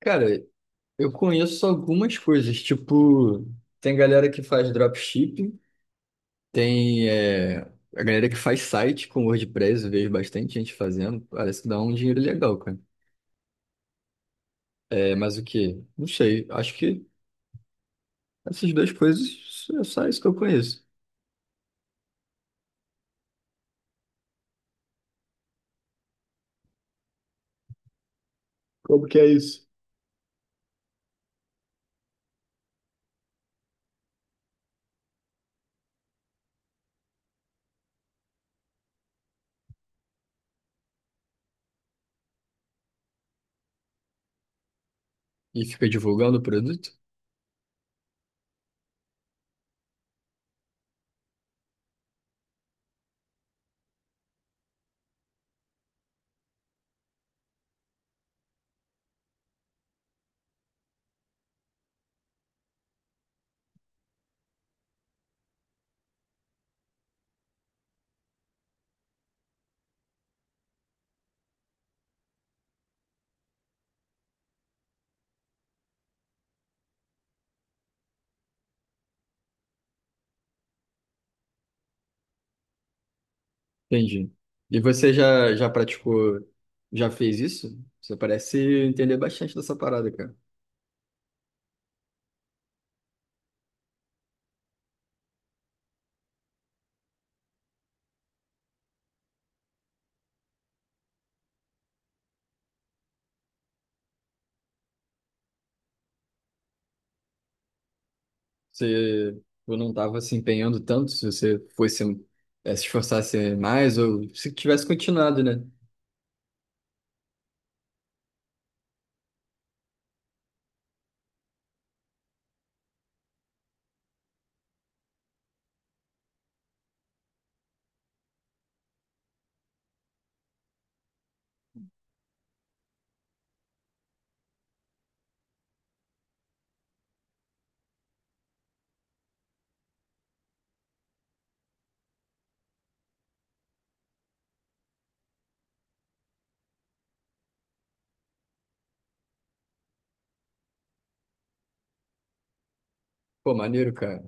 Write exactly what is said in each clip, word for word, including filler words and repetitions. Cara, eu conheço algumas coisas, tipo, tem galera que faz dropshipping, tem é, a galera que faz site com WordPress, eu vejo bastante gente fazendo, parece que dá um dinheiro legal, cara. É, mas o quê? Não sei, acho que essas duas coisas é só isso que eu conheço. Como que é isso? E fica divulgando o produto? Entendi. E você já, já praticou, já fez isso? Você parece entender bastante dessa parada, cara. Você ou não estava se empenhando tanto, se você fosse eh, se esforçasse mais, ou se tivesse continuado, né? Pô, maneiro, cara.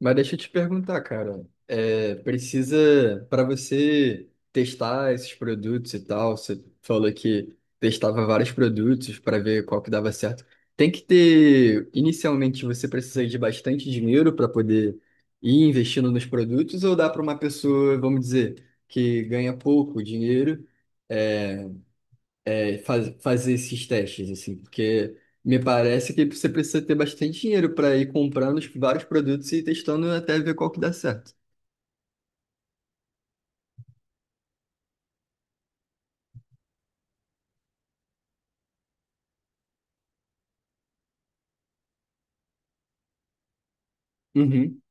Mas deixa eu te perguntar, cara. É, precisa, para você testar esses produtos e tal, você falou que testava vários produtos para ver qual que dava certo. Tem que ter, inicialmente, você precisa de bastante dinheiro para poder ir investindo nos produtos, ou dá para uma pessoa, vamos dizer, que ganha pouco dinheiro? eh, é, faz- fazer esses testes, assim, porque me parece que você precisa ter bastante dinheiro para ir comprando os vários produtos e testando até ver qual que dá certo. Uhum.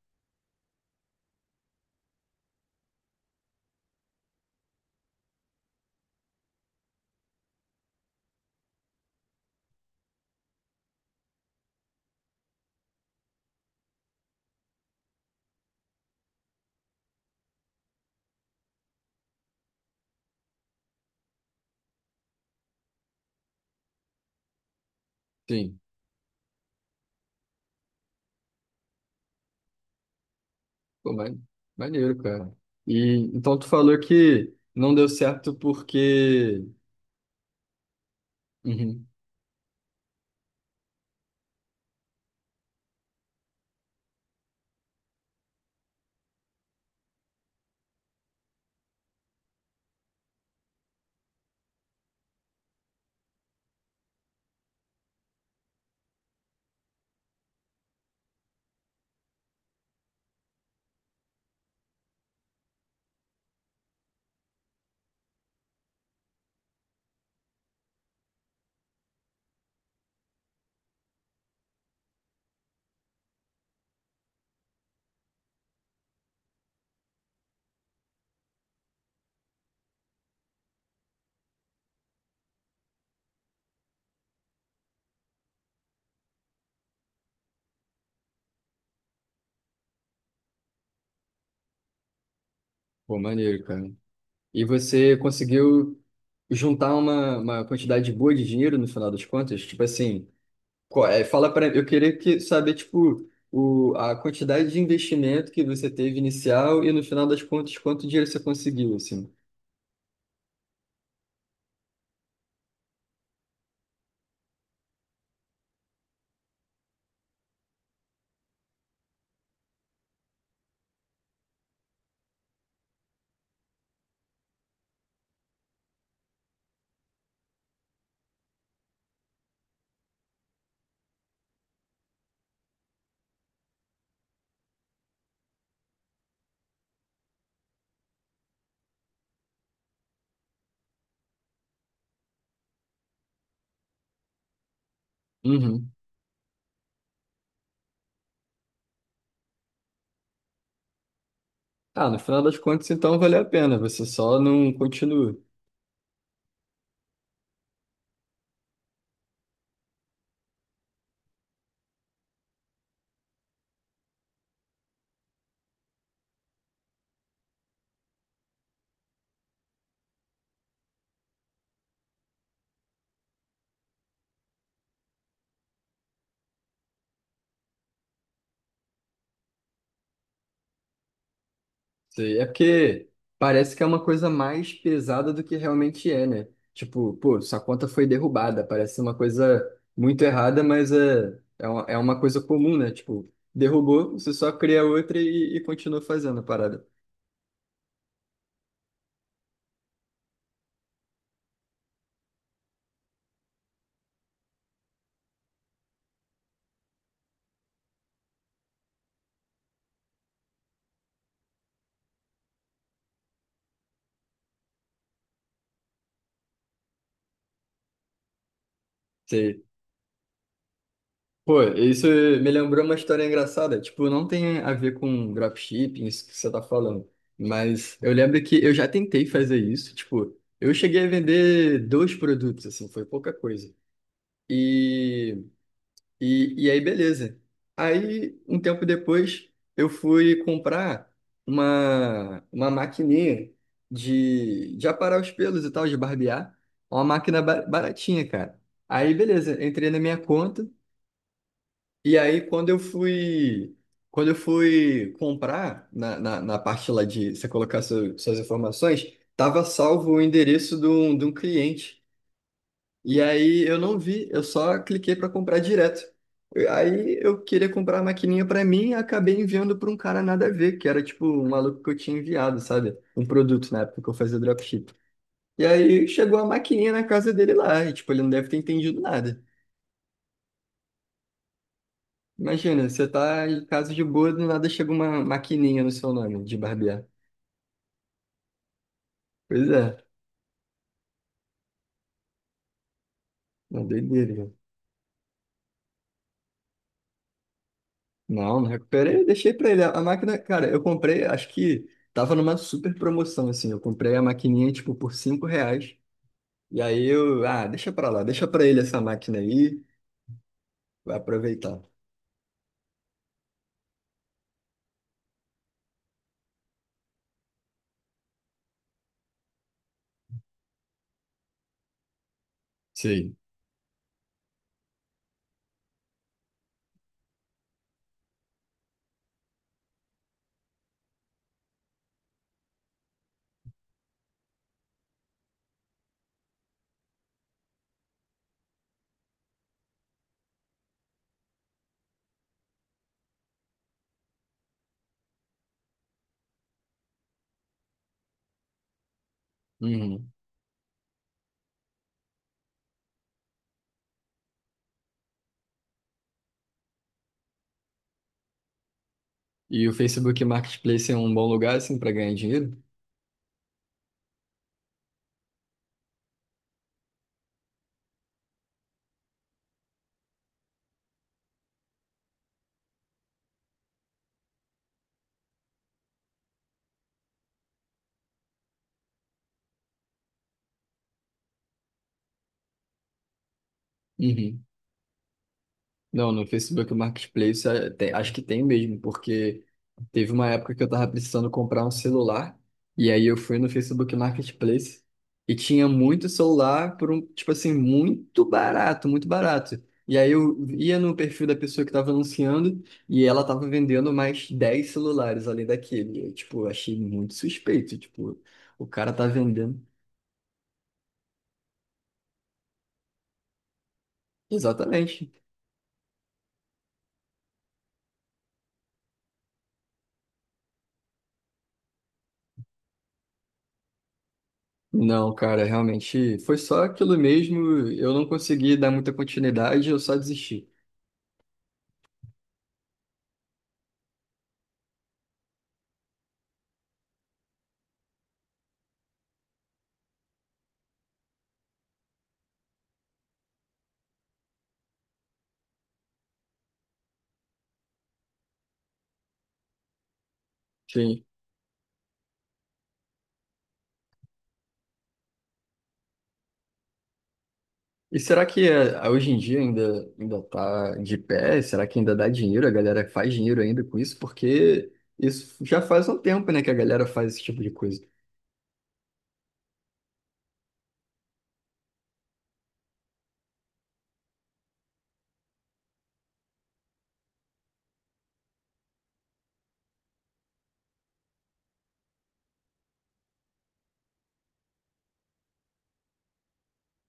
Sim, pô, mane- maneiro, cara. E então tu falou que não deu certo porque. Uhum. Pô, maneiro, cara. E você conseguiu juntar uma, uma quantidade boa de dinheiro no final das contas? Tipo assim, qual é? Fala para eu queria que saber tipo o, a quantidade de investimento que você teve inicial e no final das contas quanto dinheiro você conseguiu assim. Uhum. Ah, no final das contas então valeu a pena, você só não continua. Sei. É porque parece que é uma coisa mais pesada do que realmente é, né? Tipo, pô, sua conta foi derrubada, parece uma coisa muito errada, mas é, é uma, é uma coisa comum, né? Tipo, derrubou, você só cria outra e, e continua fazendo a parada. Pô, isso me lembrou uma história engraçada. Tipo, não tem a ver com dropshipping, isso que você tá falando. Mas eu lembro que eu já tentei fazer isso. Tipo, eu cheguei a vender dois produtos, assim, foi pouca coisa. E, e, e aí, beleza. Aí, um tempo depois, eu fui comprar uma, uma maquininha de, de aparar os pelos e tal, de barbear. Uma máquina ba- baratinha, cara. Aí, beleza, entrei na minha conta. E aí, quando eu fui, quando eu fui comprar na, na, na parte lá de você colocar seu- suas informações, tava salvo o endereço de um, de um cliente. E aí eu não vi, eu só cliquei para comprar direto. E aí eu queria comprar a maquininha para mim, e acabei enviando para um cara nada a ver, que era tipo um maluco que eu tinha enviado, sabe? Um produto na época que eu fazia dropship. E aí chegou a maquininha na casa dele lá, e tipo, ele não deve ter entendido nada. Imagina, você tá em casa de boa, do nada chega uma maquininha no seu nome de barbear. Pois é, uma doideira, cara. Não, não recuperei, deixei pra ele. A máquina, cara, eu comprei, acho que tava numa super promoção, assim. Eu comprei a maquininha, tipo, por cinco reais. E aí eu, ah, deixa pra lá, deixa pra ele essa máquina aí, vai aproveitar. Sei. Uhum. E o Facebook Marketplace é um bom lugar, assim, pra ganhar dinheiro? Uhum. Não, no Facebook Marketplace é, tem- acho que tem mesmo, porque teve uma época que eu tava precisando comprar um celular, e aí eu fui no Facebook Marketplace e tinha muito celular por um, tipo assim, muito barato, muito barato. E aí eu ia no perfil da pessoa que tava anunciando e ela tava vendendo mais dez celulares além daquele. E, eu, tipo, achei muito suspeito, tipo, o cara tá vendendo. Exatamente. Não, cara, realmente foi só aquilo mesmo. Eu não consegui dar muita continuidade, eu só desisti. Sim. E será que eh, hoje em dia ainda ainda tá de pé? Será que ainda dá dinheiro? A galera faz dinheiro ainda com isso? Porque isso já faz um tempo, né, que a galera faz esse tipo de coisa.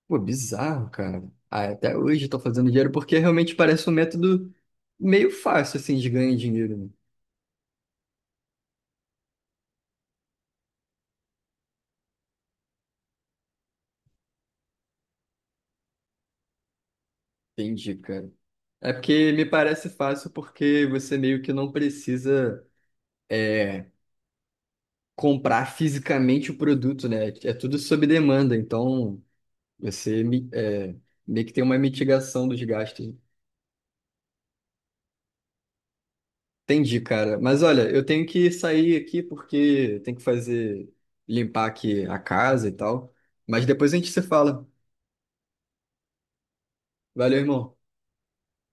Pô, bizarro, cara. Ah, até hoje tô fazendo dinheiro porque realmente parece um método meio fácil assim de ganhar dinheiro, né? Entendi, cara. É porque me parece fácil porque você meio que não precisa eh, comprar fisicamente o produto, né? É tudo sob demanda, então você mi- é, meio que tem uma mitigação dos gastos. Entendi, cara. Mas olha, eu tenho que sair aqui porque tem que fazer limpar aqui a casa e tal. Mas depois a gente se fala. Valeu, irmão.